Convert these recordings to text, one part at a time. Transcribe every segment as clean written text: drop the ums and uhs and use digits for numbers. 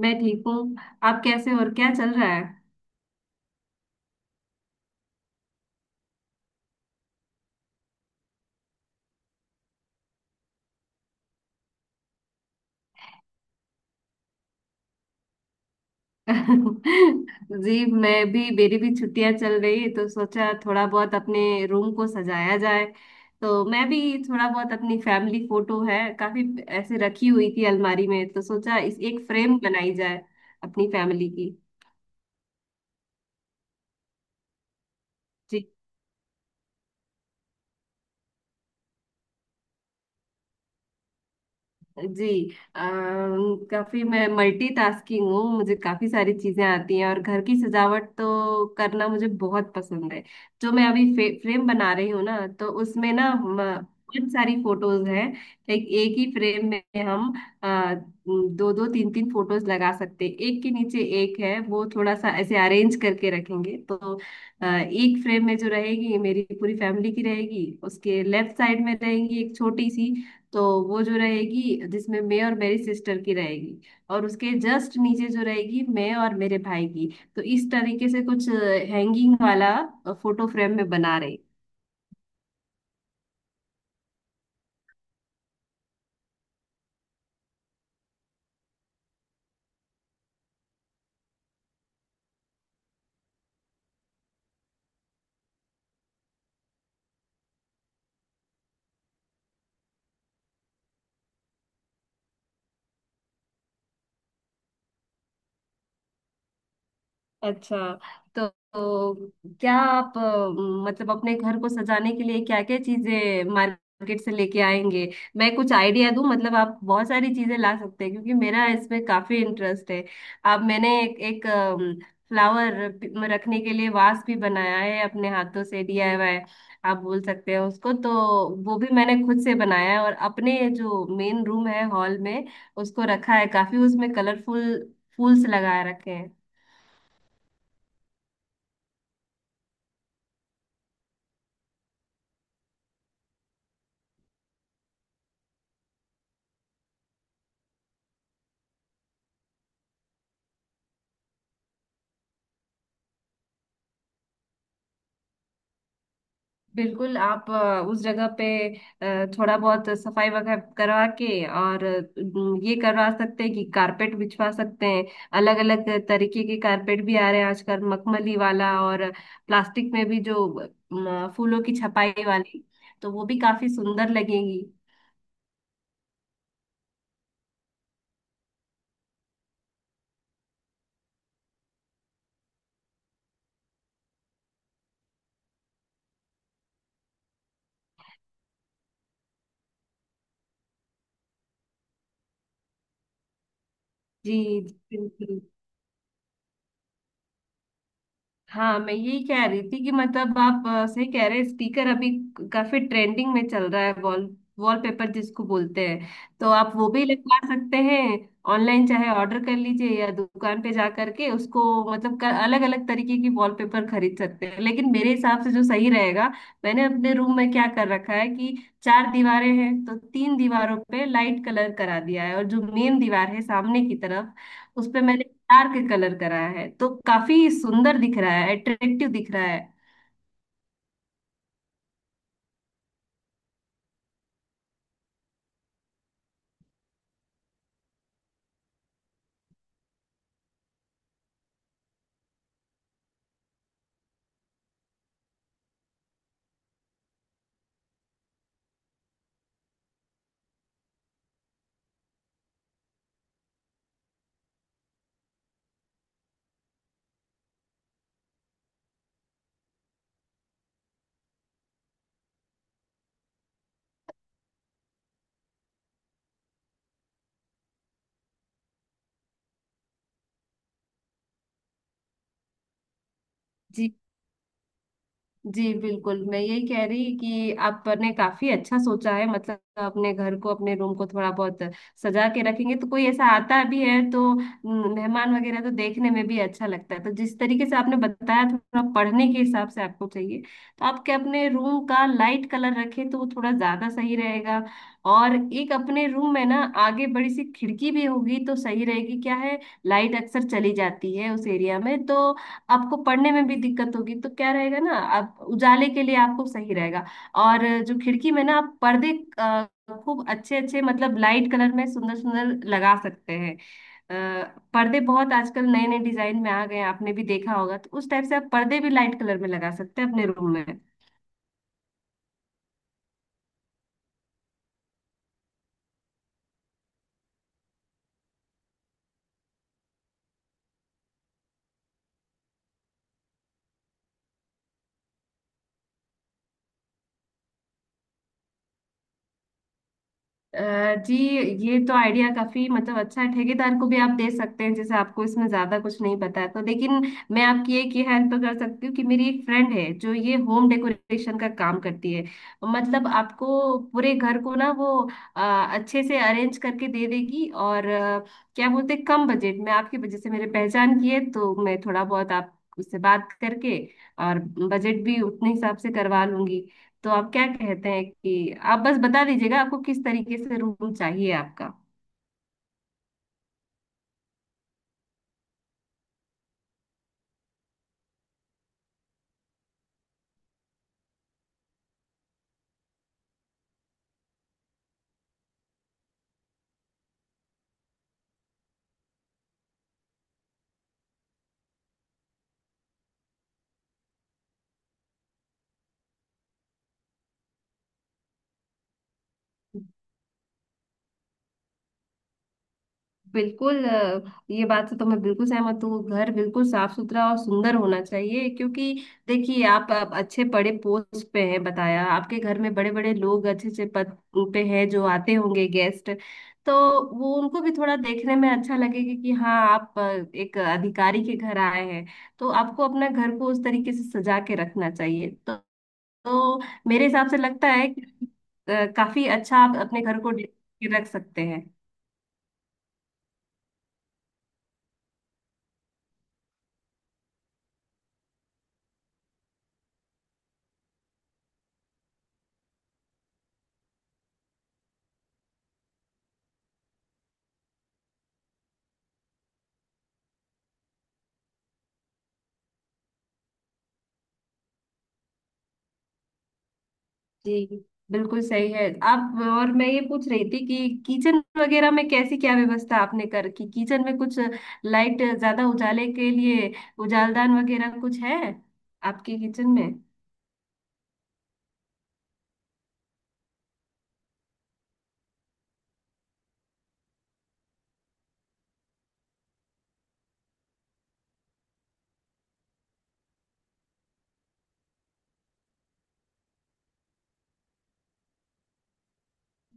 मैं ठीक हूँ। आप कैसे हो और क्या चल रहा है? जी मैं भी, मेरी भी छुट्टियां चल रही है तो सोचा थोड़ा बहुत अपने रूम को सजाया जाए। तो मैं भी थोड़ा बहुत अपनी फैमिली फोटो है, काफी ऐसे रखी हुई थी अलमारी में, तो सोचा इस एक फ्रेम बनाई जाए अपनी फैमिली की। जी, काफी मैं मल्टीटास्किंग हूँ, मुझे काफी सारी चीजें आती हैं और घर की सजावट तो करना मुझे बहुत पसंद है। जो मैं अभी फ्रेम बना रही हूँ ना, तो उसमें ना बहुत सारी फोटोज हैं। लाइक एक ही फ्रेम में हम आ, दो दो तीन तीन फोटोज लगा सकते हैं, एक के नीचे एक है, वो थोड़ा सा ऐसे अरेंज करके रखेंगे तो एक फ्रेम में जो रहेगी मेरी पूरी फैमिली की रहेगी, उसके लेफ्ट साइड में रहेंगी एक छोटी सी। तो वो जो रहेगी जिसमें मैं और मेरी सिस्टर की रहेगी, और उसके जस्ट नीचे जो रहेगी मैं और मेरे भाई की। तो इस तरीके से कुछ हैंगिंग वाला फोटो फ्रेम में बना रहे। अच्छा, तो क्या आप, मतलब अपने घर को सजाने के लिए क्या क्या चीजें मार्केट से लेके आएंगे? मैं कुछ आइडिया दूं, मतलब आप बहुत सारी चीजें ला सकते हैं क्योंकि मेरा इसमें काफी इंटरेस्ट है। अब मैंने एक फ्लावर रखने के लिए वास भी बनाया है अपने हाथों से, DIY आप बोल सकते हैं उसको, तो वो भी मैंने खुद से बनाया है। और अपने जो मेन रूम है हॉल में, उसको रखा है काफी उसमें कलरफुल फूल्स लगा रखे हैं। बिल्कुल आप उस जगह पे थोड़ा बहुत सफाई वगैरह करवा के और ये करवा सकते हैं कि कारपेट बिछवा सकते हैं। अलग अलग तरीके के कारपेट भी आ रहे हैं आजकल, मखमली वाला और प्लास्टिक में भी जो फूलों की छपाई वाली, तो वो भी काफी सुंदर लगेंगी। जी जी, बिल्कुल। हाँ मैं यही कह रही थी कि मतलब आप, सही कह रहे हैं, स्पीकर अभी काफी ट्रेंडिंग में चल रहा है। वॉलपेपर जिसको बोलते हैं, तो आप वो भी लगवा सकते हैं, ऑनलाइन चाहे ऑर्डर कर लीजिए या दुकान पे जा करके उसको, मतलब अलग अलग तरीके की वॉलपेपर खरीद सकते हैं। लेकिन मेरे हिसाब से जो सही रहेगा, मैंने अपने रूम में क्या कर रखा है कि चार दीवारें हैं तो तीन दीवारों पे लाइट कलर करा दिया है, और जो मेन दीवार है सामने की तरफ, उस पे मैंने डार्क कलर करा है तो काफी सुंदर दिख रहा है, अट्रैक्टिव दिख रहा है। जी, जी बिल्कुल, मैं यही कह रही कि आपने काफी अच्छा सोचा है। मतलब अपने घर को, अपने रूम को थोड़ा बहुत सजा के रखेंगे तो कोई ऐसा आता भी है तो मेहमान वगैरह तो देखने में भी अच्छा लगता है। तो जिस तरीके से आपने बताया, थोड़ा पढ़ने के हिसाब से आपको चाहिए तो आपके अपने रूम का लाइट कलर रखे तो वो थोड़ा ज्यादा सही रहेगा। और एक अपने रूम में ना आगे बड़ी सी खिड़की भी होगी तो सही रहेगी, क्या है लाइट अक्सर चली जाती है उस एरिया में, तो आपको पढ़ने में भी दिक्कत होगी, तो क्या रहेगा ना आप उजाले के लिए आपको सही रहेगा। और जो खिड़की में ना आप पर्दे अ, खूब अच्छे अच्छे मतलब लाइट कलर में सुंदर सुंदर लगा सकते हैं। पर्दे बहुत आजकल नए नए डिजाइन में आ गए हैं, आपने भी देखा होगा, तो उस टाइप से आप पर्दे भी लाइट कलर में लगा सकते हैं अपने रूम में। अ, जी ये तो आइडिया काफी मतलब अच्छा है, ठेकेदार को भी आप दे सकते हैं, जैसे आपको इसमें ज्यादा कुछ नहीं पता है तो। लेकिन मैं आपकी एक ये हेल्प कर सकती हूँ कि मेरी एक फ्रेंड है जो ये होम डेकोरेशन का काम करती है। मतलब आपको पूरे घर को ना वो अ, अच्छे से अरेंज करके दे देगी। और क्या बोलते हैं, कम बजट में, आपकी वजह से मेरे पहचान की है तो मैं थोड़ा बहुत आप उससे बात करके और बजट भी उतने हिसाब से करवा लूंगी। तो आप क्या कहते हैं कि आप बस बता दीजिएगा आपको किस तरीके से रूम चाहिए आपका। बिल्कुल, ये बात से तो मैं बिल्कुल सहमत हूँ, घर बिल्कुल साफ सुथरा और सुंदर होना चाहिए। क्योंकि देखिए आप अच्छे बड़े पोस्ट पे हैं बताया, आपके घर में बड़े बड़े लोग अच्छे अच्छे पद पे हैं जो आते होंगे गेस्ट, तो वो उनको भी थोड़ा देखने में अच्छा लगेगा कि हाँ आप एक अधिकारी के घर आए हैं। तो आपको अपना घर को उस तरीके से सजा के रखना चाहिए। तो तो मेरे हिसाब से लगता है कि काफी अच्छा आप अपने घर को डेकोरेट के रख सकते हैं। जी बिल्कुल सही है आप। और मैं ये पूछ रही थी कि किचन वगैरह में कैसी क्या व्यवस्था आपने कर की, किचन में कुछ लाइट ज्यादा उजाले के लिए उजालदान वगैरह कुछ है आपके किचन में?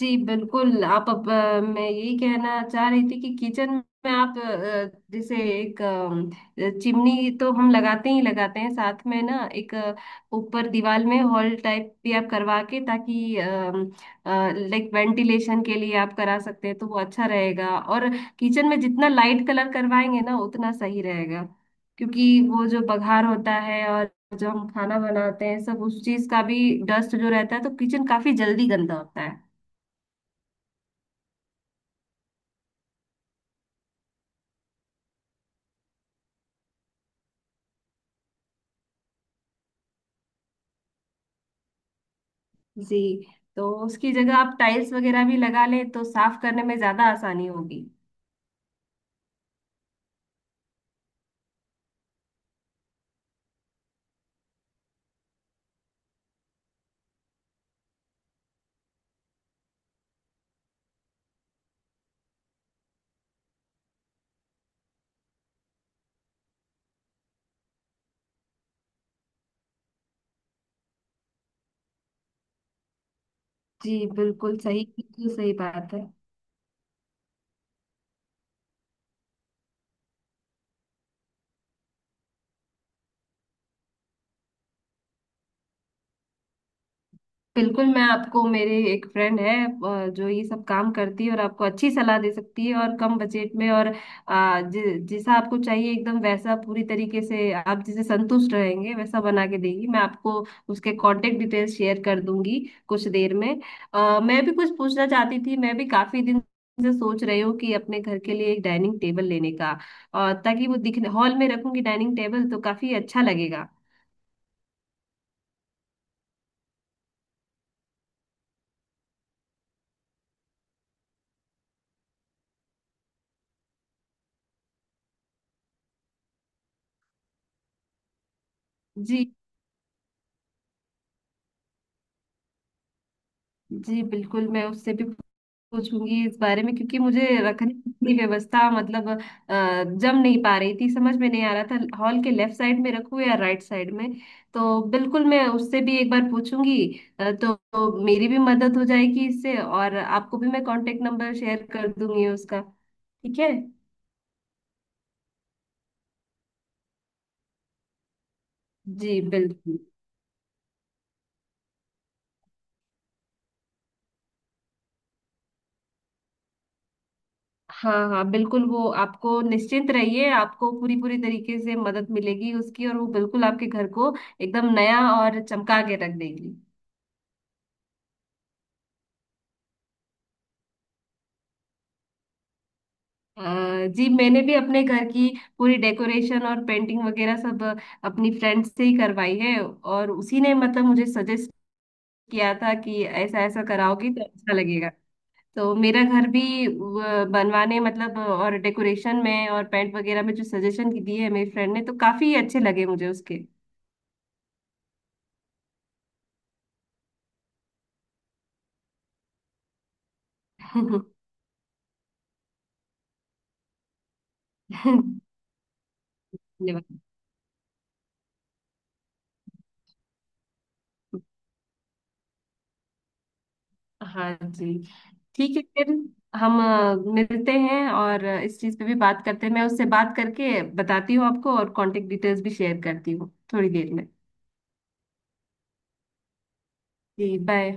जी बिल्कुल आप, अब मैं यही कहना चाह रही थी कि किचन में आप, जैसे एक चिमनी तो हम लगाते ही लगाते हैं, साथ में ना एक ऊपर दीवार में हॉल टाइप भी आप करवा के ताकि लाइक वेंटिलेशन के लिए आप करा सकते हैं तो वो अच्छा रहेगा। और किचन में जितना लाइट कलर करवाएंगे ना उतना सही रहेगा, क्योंकि वो जो बघार होता है और जो हम खाना बनाते हैं सब उस चीज का भी डस्ट जो रहता है तो किचन काफी जल्दी गंदा होता है। जी, तो उसकी जगह आप टाइल्स वगैरह भी लगा लें तो साफ करने में ज्यादा आसानी होगी। जी बिल्कुल सही, बिल्कुल सही बात है। बिल्कुल, मैं आपको, मेरे एक फ्रेंड है जो ये सब काम करती है और आपको अच्छी सलाह दे सकती है और कम बजट में और जैसा आपको चाहिए एकदम वैसा पूरी तरीके से आप जिसे संतुष्ट रहेंगे वैसा बना के देगी। मैं आपको उसके कांटेक्ट डिटेल्स शेयर कर दूंगी कुछ देर में। मैं भी कुछ पूछना चाहती थी, मैं भी काफी दिन से सोच रही हूँ कि अपने घर के लिए एक डाइनिंग टेबल लेने का, ताकि वो दिखने हॉल में रखूंगी डाइनिंग टेबल तो काफी अच्छा लगेगा। जी, जी बिल्कुल, मैं उससे भी सोचूंगी इस बारे में, क्योंकि मुझे रखने की व्यवस्था मतलब जम नहीं पा रही थी, समझ में नहीं आ रहा था हॉल के लेफ्ट साइड में रखूं या राइट साइड में। तो बिल्कुल मैं उससे भी एक बार पूछूंगी, तो मेरी भी मदद हो जाएगी इससे, और आपको भी मैं कांटेक्ट नंबर शेयर कर दूंगी उसका। ठीक है। जी बिल्कुल। हाँ हाँ, बिल्कुल वो आपको, निश्चिंत रहिए आपको पूरी पूरी तरीके से मदद मिलेगी उसकी, और वो बिल्कुल आपके घर को एकदम नया और चमका के रख देगी। अ, जी मैंने भी अपने घर की पूरी डेकोरेशन और पेंटिंग वगैरह सब अपनी फ्रेंड से ही करवाई है, और उसी ने मतलब मुझे सजेस्ट किया था कि ऐसा ऐसा कराओगी तो अच्छा लगेगा। तो मेरा घर भी बनवाने मतलब, और डेकोरेशन में और पेंट वगैरह में जो सजेशन की दिए है मेरी फ्रेंड ने तो काफी अच्छे लगे मुझे उसके। धन्यवाद। हाँ जी। ठीक है फिर हम मिलते हैं और इस चीज़ पे भी बात करते हैं, मैं उससे बात करके बताती हूँ आपको, और कांटेक्ट डिटेल्स भी शेयर करती हूँ थोड़ी देर में। जी बाय।